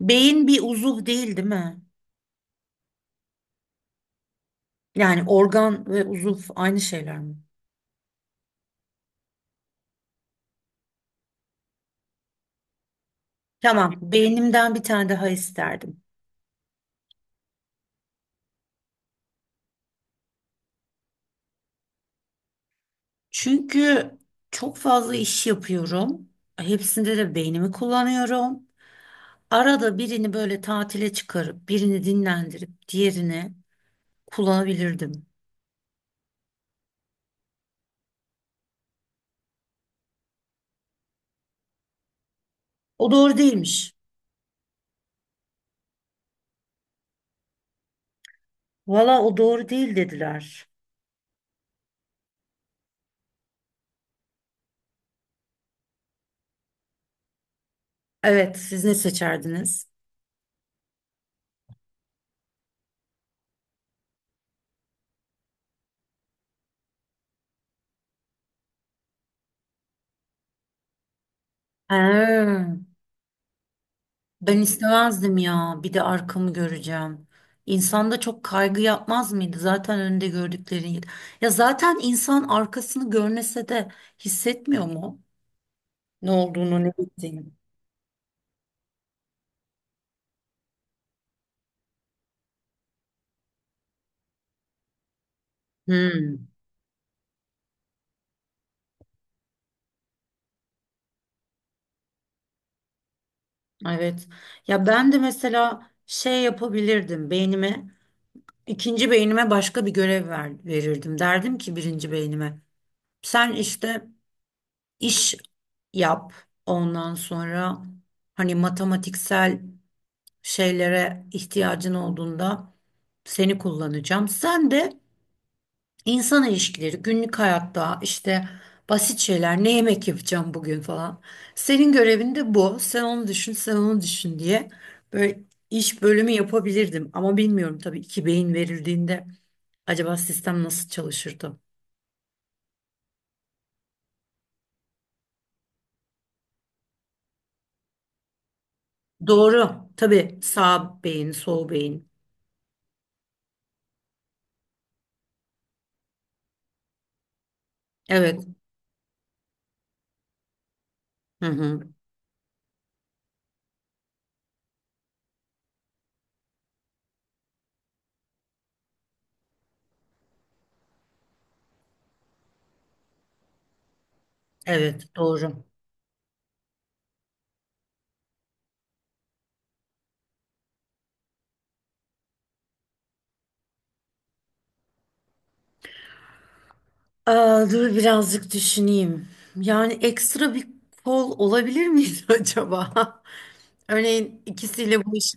Beyin bir uzuv değil, değil mi? Yani organ ve uzuv aynı şeyler mi? Tamam, beynimden bir tane daha isterdim. Çünkü çok fazla iş yapıyorum. Hepsinde de beynimi kullanıyorum. Arada birini böyle tatile çıkarıp, birini dinlendirip, diğerini kullanabilirdim. O doğru değilmiş. Valla o doğru değil dediler. Evet, siz ne seçerdiniz? Ha. Ben istemezdim ya. Bir de arkamı göreceğim. İnsanda çok kaygı yapmaz mıydı? Zaten önünde gördüklerin. Ya zaten insan arkasını görmese de hissetmiyor mu? Ne olduğunu, ne bittiğini. Hmm, evet. Ya ben de mesela şey yapabilirdim beynime. İkinci beynime başka bir görev ver, verirdim. Derdim ki birinci beynime, sen işte iş yap. Ondan sonra hani matematiksel şeylere ihtiyacın olduğunda seni kullanacağım. Sen de insan ilişkileri, günlük hayatta işte basit şeyler, ne yemek yapacağım bugün falan. Senin görevin de bu. Sen onu düşün, sen onu düşün diye böyle iş bölümü yapabilirdim. Ama bilmiyorum tabii iki beyin verildiğinde acaba sistem nasıl çalışırdı? Doğru. Tabii sağ beyin, sol beyin. Evet. Hı hı. Evet, doğru. Aa, dur birazcık düşüneyim. Yani ekstra bir kol olabilir miydi acaba? Örneğin ikisiyle bu iş.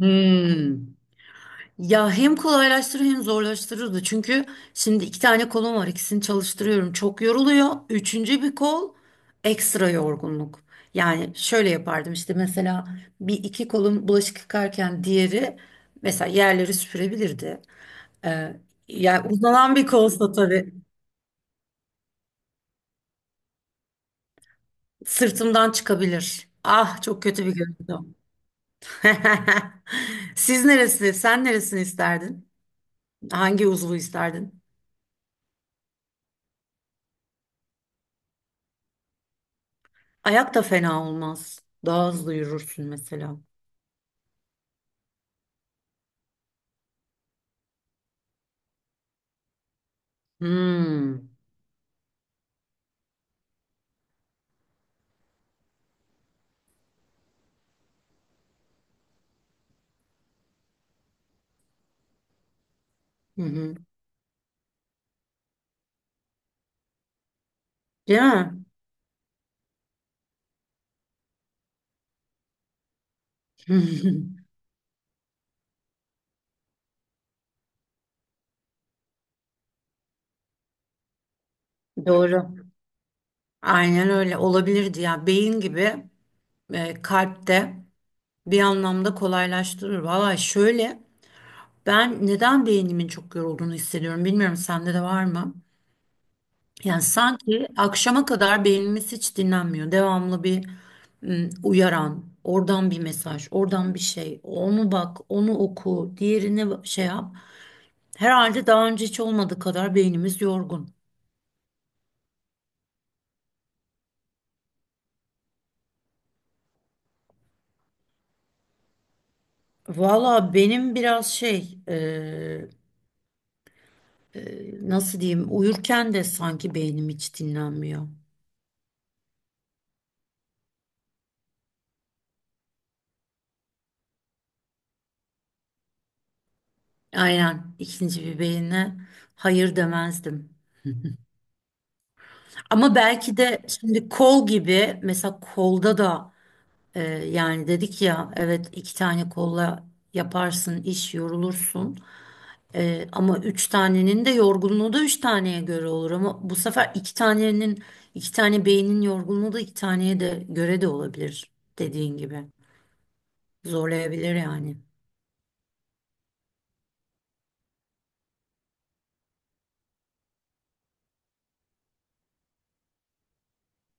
Hmm. Ya hem kolaylaştırır hem zorlaştırırdı. Çünkü şimdi iki tane kolum var. İkisini çalıştırıyorum. Çok yoruluyor. Üçüncü bir kol ekstra yorgunluk. Yani şöyle yapardım işte mesela bir iki kolum bulaşık yıkarken diğeri mesela yerleri süpürebilirdi. Ee, Yani uzanan bir kolsa tabii. Sırtımdan çıkabilir. Ah çok kötü bir görüntü. Siz neresi? Sen neresini isterdin? Hangi uzvu isterdin? Ayak da fena olmaz. Daha hızlı yürürsün mesela. Hmm. Hı hı. Değil mi? Doğru. Aynen öyle olabilirdi ya. Beyin gibi kalp de bir anlamda kolaylaştırır. Valla şöyle, ben neden beynimin çok yorulduğunu hissediyorum. Bilmiyorum, sende de var mı? Yani sanki akşama kadar beynimiz hiç dinlenmiyor. Devamlı bir uyaran, oradan bir mesaj, oradan bir şey. Onu bak, onu oku, diğerini şey yap. Herhalde daha önce hiç olmadığı kadar beynimiz yorgun. Valla benim biraz şey, nasıl diyeyim, uyurken de sanki beynim hiç dinlenmiyor. Aynen, ikinci bir beyine hayır demezdim. Ama belki de şimdi kol gibi, mesela kolda da yani dedik ya, evet, iki tane kolla yaparsın iş, yorulursun. Ama üç tanenin de yorgunluğu da üç taneye göre olur, ama bu sefer iki tane beynin yorgunluğu da iki taneye de göre de olabilir, dediğin gibi zorlayabilir yani.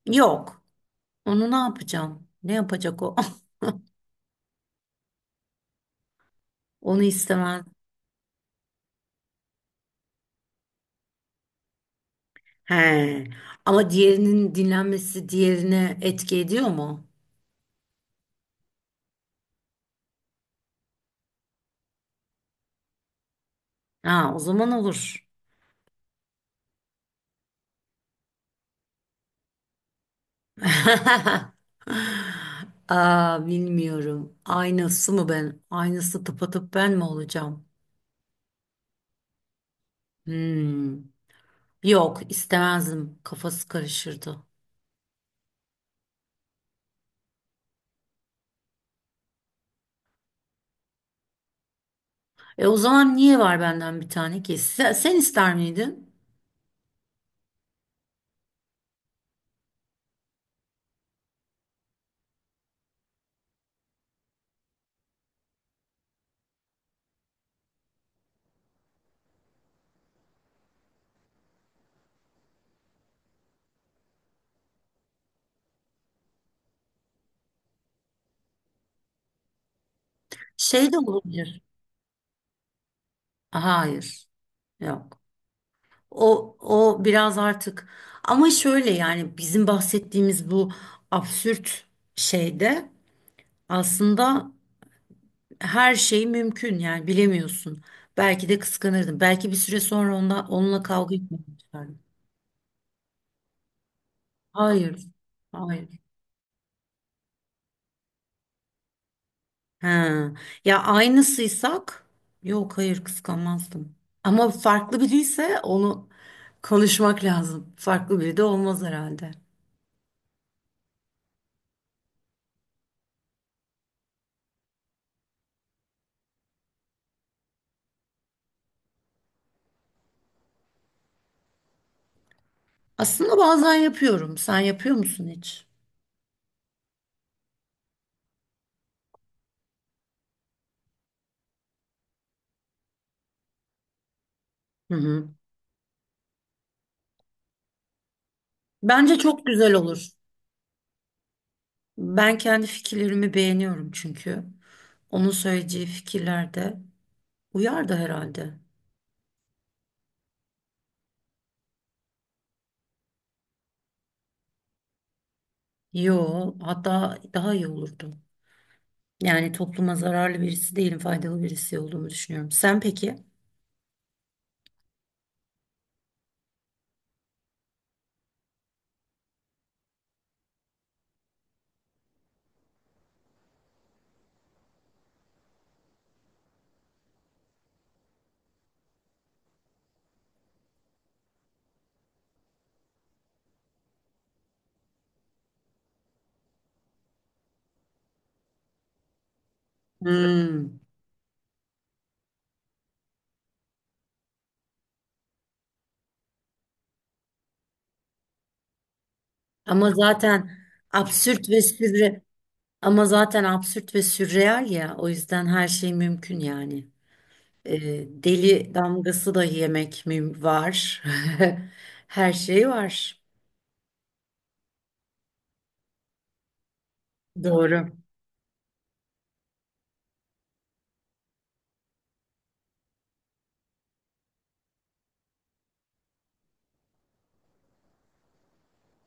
Yok, onu ne yapacağım, ne yapacak o? Onu istemez. He. Ama diğerinin dinlenmesi diğerine etki ediyor mu? Ha, o zaman olur. Aa, bilmiyorum. Aynısı mı ben? Aynısı tıpatıp ben mi olacağım? Hmm. Yok, istemezdim. Kafası karışırdı. E o zaman niye var benden bir tane ki? Sen ister miydin? Şey de olabilir. Hayır. Yok. O o biraz artık, ama şöyle yani bizim bahsettiğimiz bu absürt şeyde aslında her şey mümkün yani, bilemiyorsun. Belki de kıskanırdım. Belki bir süre sonra onunla kavga etmek isterdim. Hayır. Hayır. He. Ya aynısıysak, yok, hayır, kıskanmazdım. Ama farklı biriyse onu konuşmak lazım. Farklı biri de olmaz herhalde. Aslında bazen yapıyorum. Sen yapıyor musun hiç? Hı hı. Bence çok güzel olur. Ben kendi fikirlerimi beğeniyorum çünkü. Onun söyleyeceği fikirler de uyar da herhalde. Yo, hatta daha iyi olurdu. Yani topluma zararlı birisi değilim, faydalı birisi olduğumu düşünüyorum. Sen peki? Hmm. Ama zaten absürt ve ama zaten absürt ve sürreal ya. O yüzden her şey mümkün yani. Deli damgası dahi yemek mi var? Her şey var. Doğru.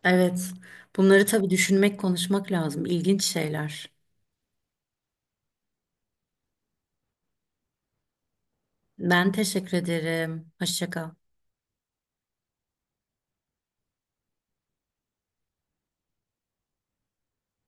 Evet. Bunları tabii düşünmek, konuşmak lazım. İlginç şeyler. Ben teşekkür ederim. Hoşça kal.